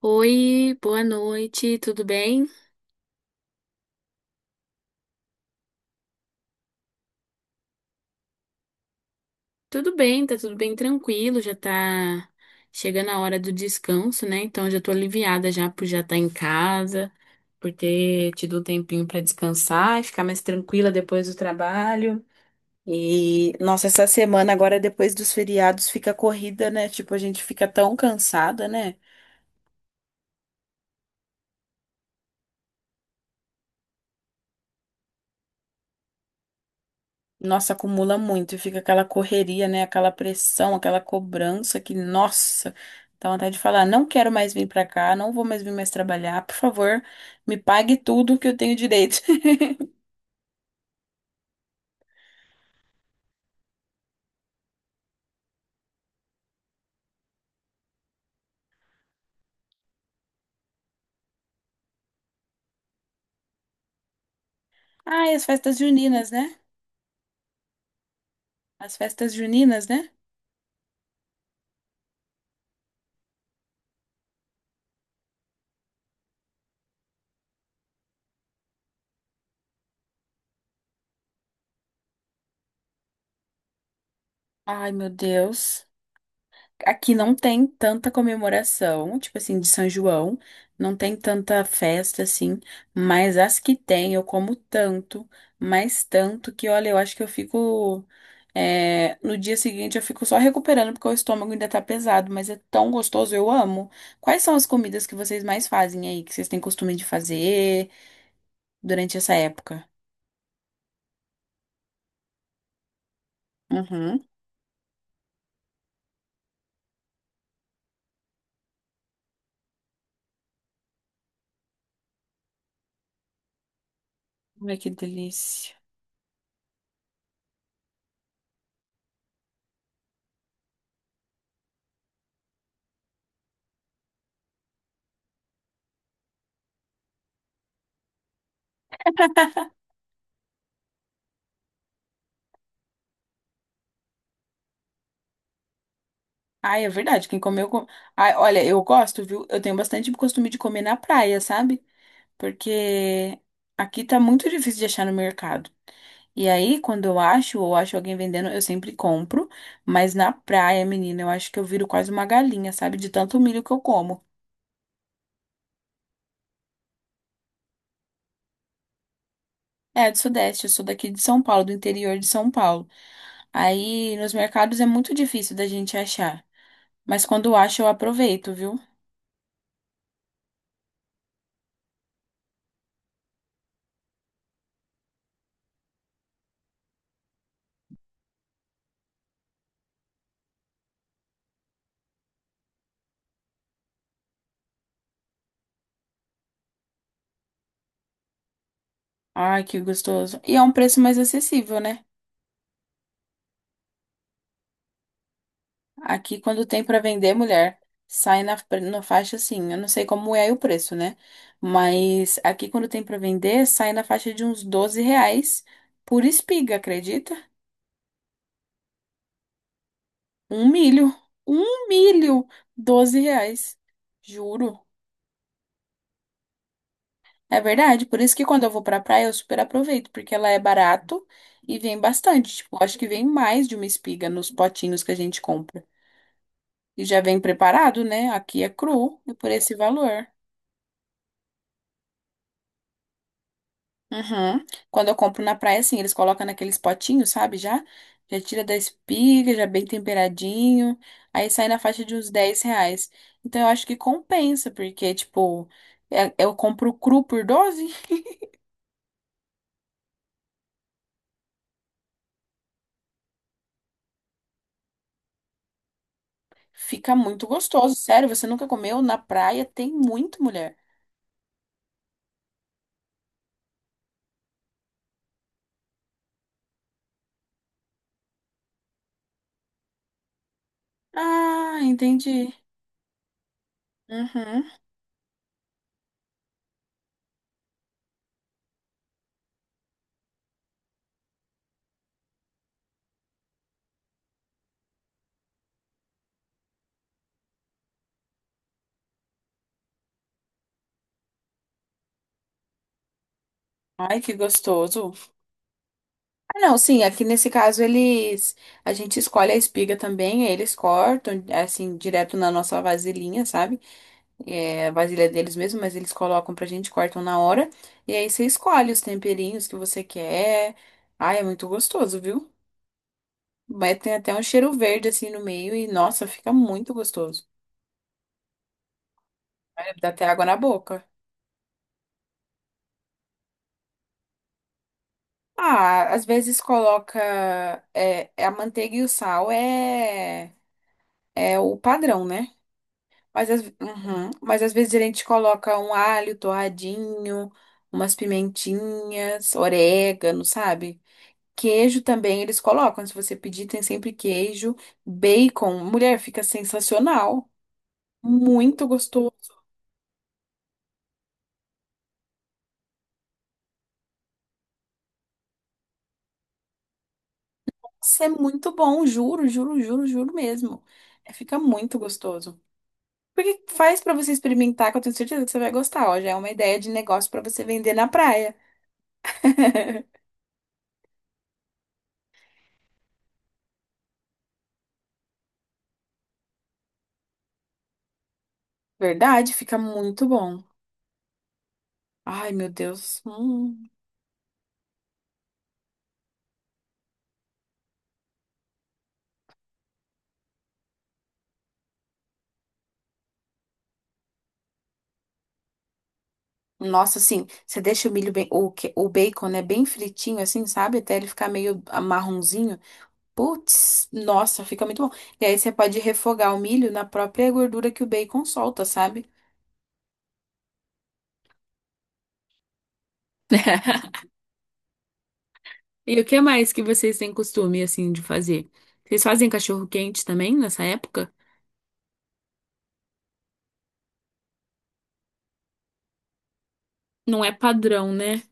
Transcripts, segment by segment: Oi, boa noite, tudo bem? Tudo bem, tá tudo bem tranquilo, já tá chegando a hora do descanso, né? Então já tô aliviada já por já estar em casa, por ter tido um tempinho pra descansar e ficar mais tranquila depois do trabalho. E, nossa, essa semana agora, depois dos feriados, fica corrida, né? Tipo, a gente fica tão cansada, né? Nossa, acumula muito e fica aquela correria, né? Aquela pressão, aquela cobrança que, nossa, dá vontade de falar, não quero mais vir pra cá, não vou mais vir mais trabalhar, por favor, me pague tudo que eu tenho direito. Ai, as festas juninas, né? As festas juninas, né? Ai, meu Deus. Aqui não tem tanta comemoração, tipo assim, de São João, não tem tanta festa assim, mas as que tem eu como tanto, mais tanto que olha, eu acho que eu fico. No dia seguinte eu fico só recuperando porque o estômago ainda tá pesado, mas é tão gostoso, eu amo. Quais são as comidas que vocês mais fazem aí, que vocês têm costume de fazer durante essa época? Uhum. Ai, que delícia. Ai, é verdade. Quem comeu. Com... Ai, olha, eu gosto, viu? Eu tenho bastante costume de comer na praia, sabe? Porque aqui tá muito difícil de achar no mercado. E aí, quando eu acho ou acho alguém vendendo, eu sempre compro. Mas na praia, menina, eu acho que eu viro quase uma galinha, sabe? De tanto milho que eu como. É, do Sudeste, eu sou daqui de São Paulo, do interior de São Paulo. Aí, nos mercados é muito difícil da gente achar. Mas quando acho, eu aproveito, viu? Ai, que gostoso. E é um preço mais acessível, né? Aqui, quando tem pra vender, mulher, sai na faixa assim. Eu não sei como é aí o preço, né? Mas aqui, quando tem pra vender, sai na faixa de uns 12 reais por espiga, acredita? Um milho. Um milho! 12 reais. Juro. É verdade. Por isso que quando eu vou pra praia, eu super aproveito, porque ela é barato e vem bastante. Tipo, eu acho que vem mais de uma espiga nos potinhos que a gente compra. E já vem preparado, né? Aqui é cru e por esse valor. Uhum. Quando eu compro na praia, assim, eles colocam naqueles potinhos, sabe? Já tira da espiga, já bem temperadinho. Aí sai na faixa de uns 10 reais. Então eu acho que compensa, porque, tipo, eu compro cru por doze, fica muito gostoso. Sério, você nunca comeu na praia? Tem muito, mulher. Ah, entendi. Uhum. Ai, que gostoso. Ah, não, sim, aqui nesse caso eles. A gente escolhe a espiga também, aí eles cortam, assim, direto na nossa vasilhinha, sabe? A vasilha deles mesmo, mas eles colocam pra gente, cortam na hora. E aí você escolhe os temperinhos que você quer. Ai, é muito gostoso, viu? Mas tem até um cheiro verde assim no meio e, nossa, fica muito gostoso. Ai, dá até água na boca. Ah, às vezes coloca a manteiga e o sal é o padrão, né? Mas, uhum. Mas às vezes a gente coloca um alho torradinho, umas pimentinhas, orégano, sabe? Queijo também eles colocam. Se você pedir, tem sempre queijo, bacon. Mulher, fica sensacional. Muito gostoso. Nossa, é muito bom, juro, juro, juro, juro mesmo. É, fica muito gostoso. Porque faz pra você experimentar, que eu tenho certeza que você vai gostar. Ó, já é uma ideia de negócio pra você vender na praia. Verdade, fica muito bom. Ai, meu Deus. Hum. Nossa, assim, você deixa o milho bem, o bacon, né, bem fritinho, assim, sabe? Até ele ficar meio marronzinho. Putz, nossa, fica muito bom. E aí você pode refogar o milho na própria gordura que o bacon solta, sabe? E o que mais que vocês têm costume, assim, de fazer? Vocês fazem cachorro-quente também nessa época? Não é padrão, né?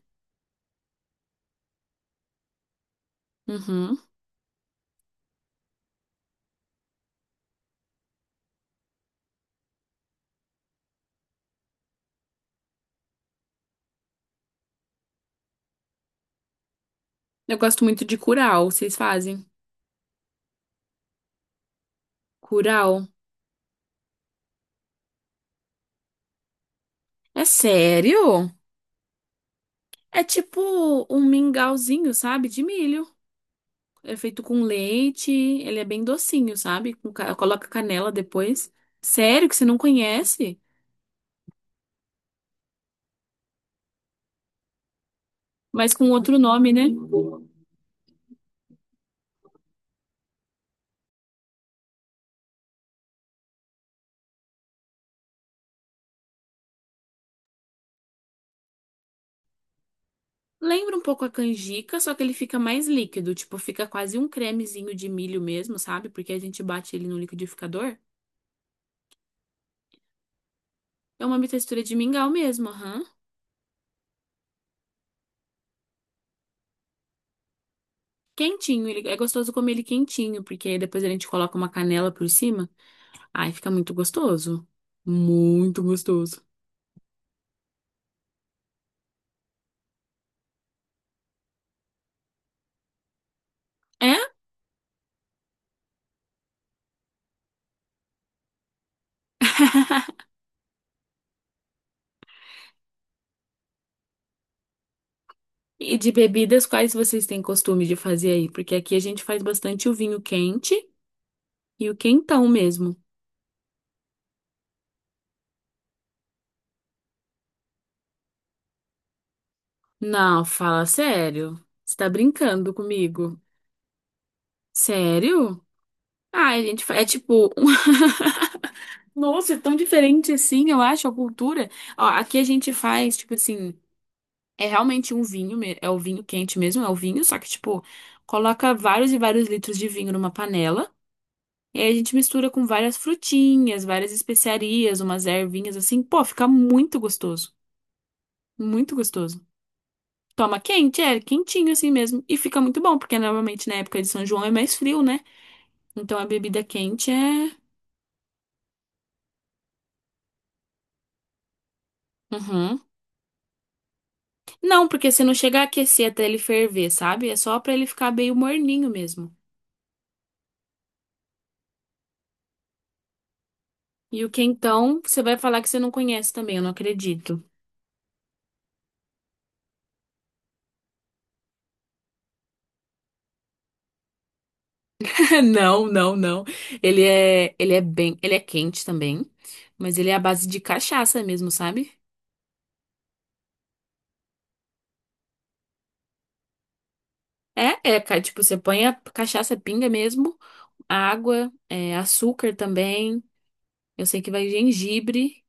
Uhum. Eu gosto muito de curau. Vocês fazem? Curau? É sério? É tipo um mingauzinho, sabe? De milho. É feito com leite. Ele é bem docinho, sabe? Coloca canela depois. Sério que você não conhece? Mas com outro nome, né? Lembra um pouco a canjica, só que ele fica mais líquido, tipo, fica quase um cremezinho de milho mesmo, sabe? Porque a gente bate ele no liquidificador. É uma textura de mingau mesmo, aham. Quentinho, ele, é gostoso comer ele quentinho, porque aí depois a gente coloca uma canela por cima. Ai, fica muito gostoso. Muito gostoso. É? E de bebidas, quais vocês têm costume de fazer aí? Porque aqui a gente faz bastante o vinho quente e o quentão mesmo. Não, fala sério. Você tá brincando comigo? Sério? Ah, a gente, é tipo. Nossa, é tão diferente assim, eu acho, a cultura. Ó, aqui a gente faz, tipo assim, é realmente um vinho, é o vinho quente mesmo, é o vinho, só que, tipo, coloca vários e vários litros de vinho numa panela. E aí a gente mistura com várias frutinhas, várias especiarias, umas ervinhas assim. Pô, fica muito gostoso. Muito gostoso. Toma quente, é, quentinho assim mesmo. E fica muito bom, porque normalmente na época de São João é mais frio, né? Então a bebida quente é. Uhum. Não, porque você não chega a aquecer até ele ferver, sabe? É só pra ele ficar meio morninho mesmo. E o quentão, você vai falar que você não conhece também, eu não acredito. Não. Ele é bem, ele é quente também, mas ele é à base de cachaça mesmo, sabe? Tipo, você põe a cachaça pinga mesmo, água, açúcar também. Eu sei que vai gengibre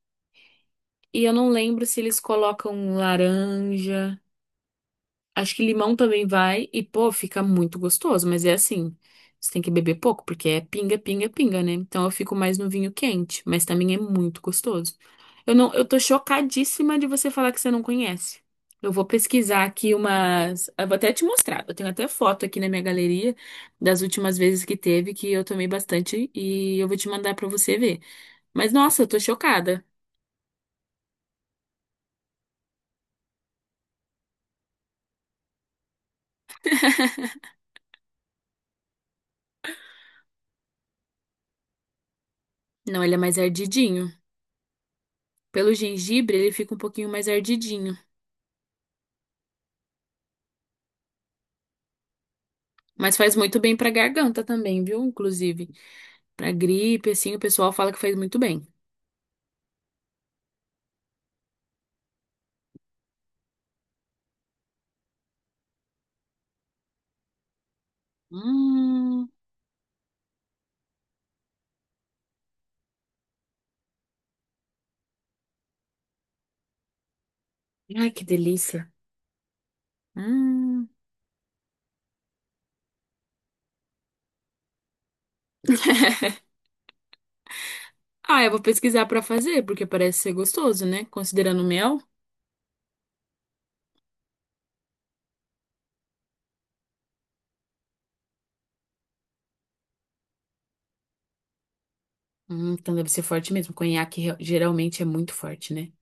e eu não lembro se eles colocam laranja. Acho que limão também vai e, pô, fica muito gostoso, mas é assim, você tem que beber pouco porque é pinga, né? Então eu fico mais no vinho quente, mas também é muito gostoso. Eu não, Eu tô chocadíssima de você falar que você não conhece. Eu vou pesquisar aqui umas, eu vou até te mostrar. Eu tenho até foto aqui na minha galeria das últimas vezes que teve que eu tomei bastante e eu vou te mandar pra você ver. Mas nossa, eu tô chocada. Não, ele é mais ardidinho. Pelo gengibre, ele fica um pouquinho mais ardidinho. Mas faz muito bem pra garganta também, viu? Inclusive, pra gripe, assim, o pessoal fala que faz muito bem. Hum. Ai, que delícia. Hum. Ah, eu vou pesquisar pra fazer, porque parece ser gostoso, né? Considerando o mel. Então deve ser forte mesmo. Geralmente é muito forte, né?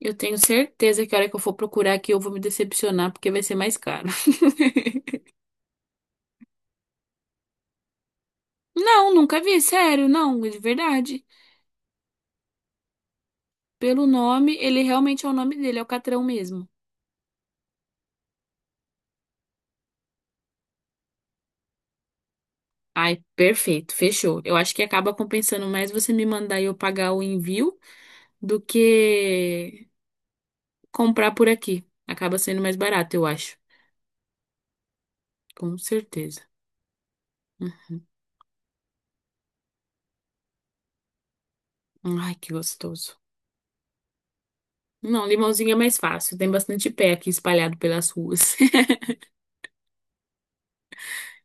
Eu tenho certeza que a hora que eu for procurar aqui, eu vou me decepcionar, porque vai ser mais caro. Não, nunca vi, sério, não, de verdade. Pelo nome, ele realmente é o nome dele, é o Catrão mesmo. Ai, perfeito, fechou. Eu acho que acaba compensando mais você me mandar e eu pagar o envio do que comprar por aqui. Acaba sendo mais barato, eu acho. Com certeza. Ai, que gostoso. Não, limãozinho é mais fácil. Tem bastante pé aqui espalhado pelas ruas.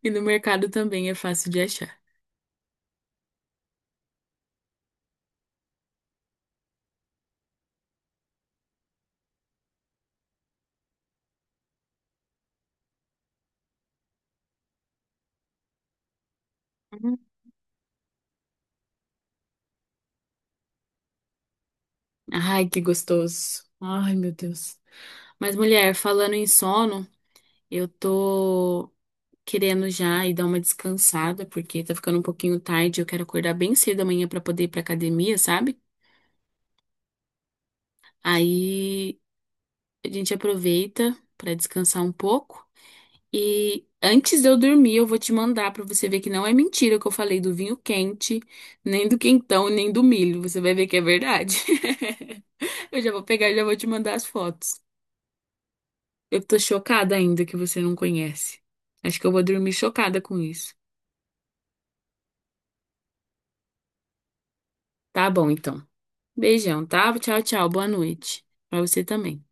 E no mercado também é fácil de achar. Uhum. Ai, que gostoso. Ai, meu Deus. Mas, mulher, falando em sono, eu tô querendo já e dar uma descansada, porque tá ficando um pouquinho tarde, eu quero acordar bem cedo amanhã pra poder ir pra academia, sabe? Aí a gente aproveita pra descansar um pouco e antes de eu dormir, eu vou te mandar pra você ver que não é mentira que eu falei do vinho quente, nem do quentão, nem do milho. Você vai ver que é verdade. Eu já vou pegar e já vou te mandar as fotos. Eu tô chocada ainda que você não conhece. Acho que eu vou dormir chocada com isso. Tá bom, então. Beijão, tá? Tchau, tchau. Boa noite. Pra você também.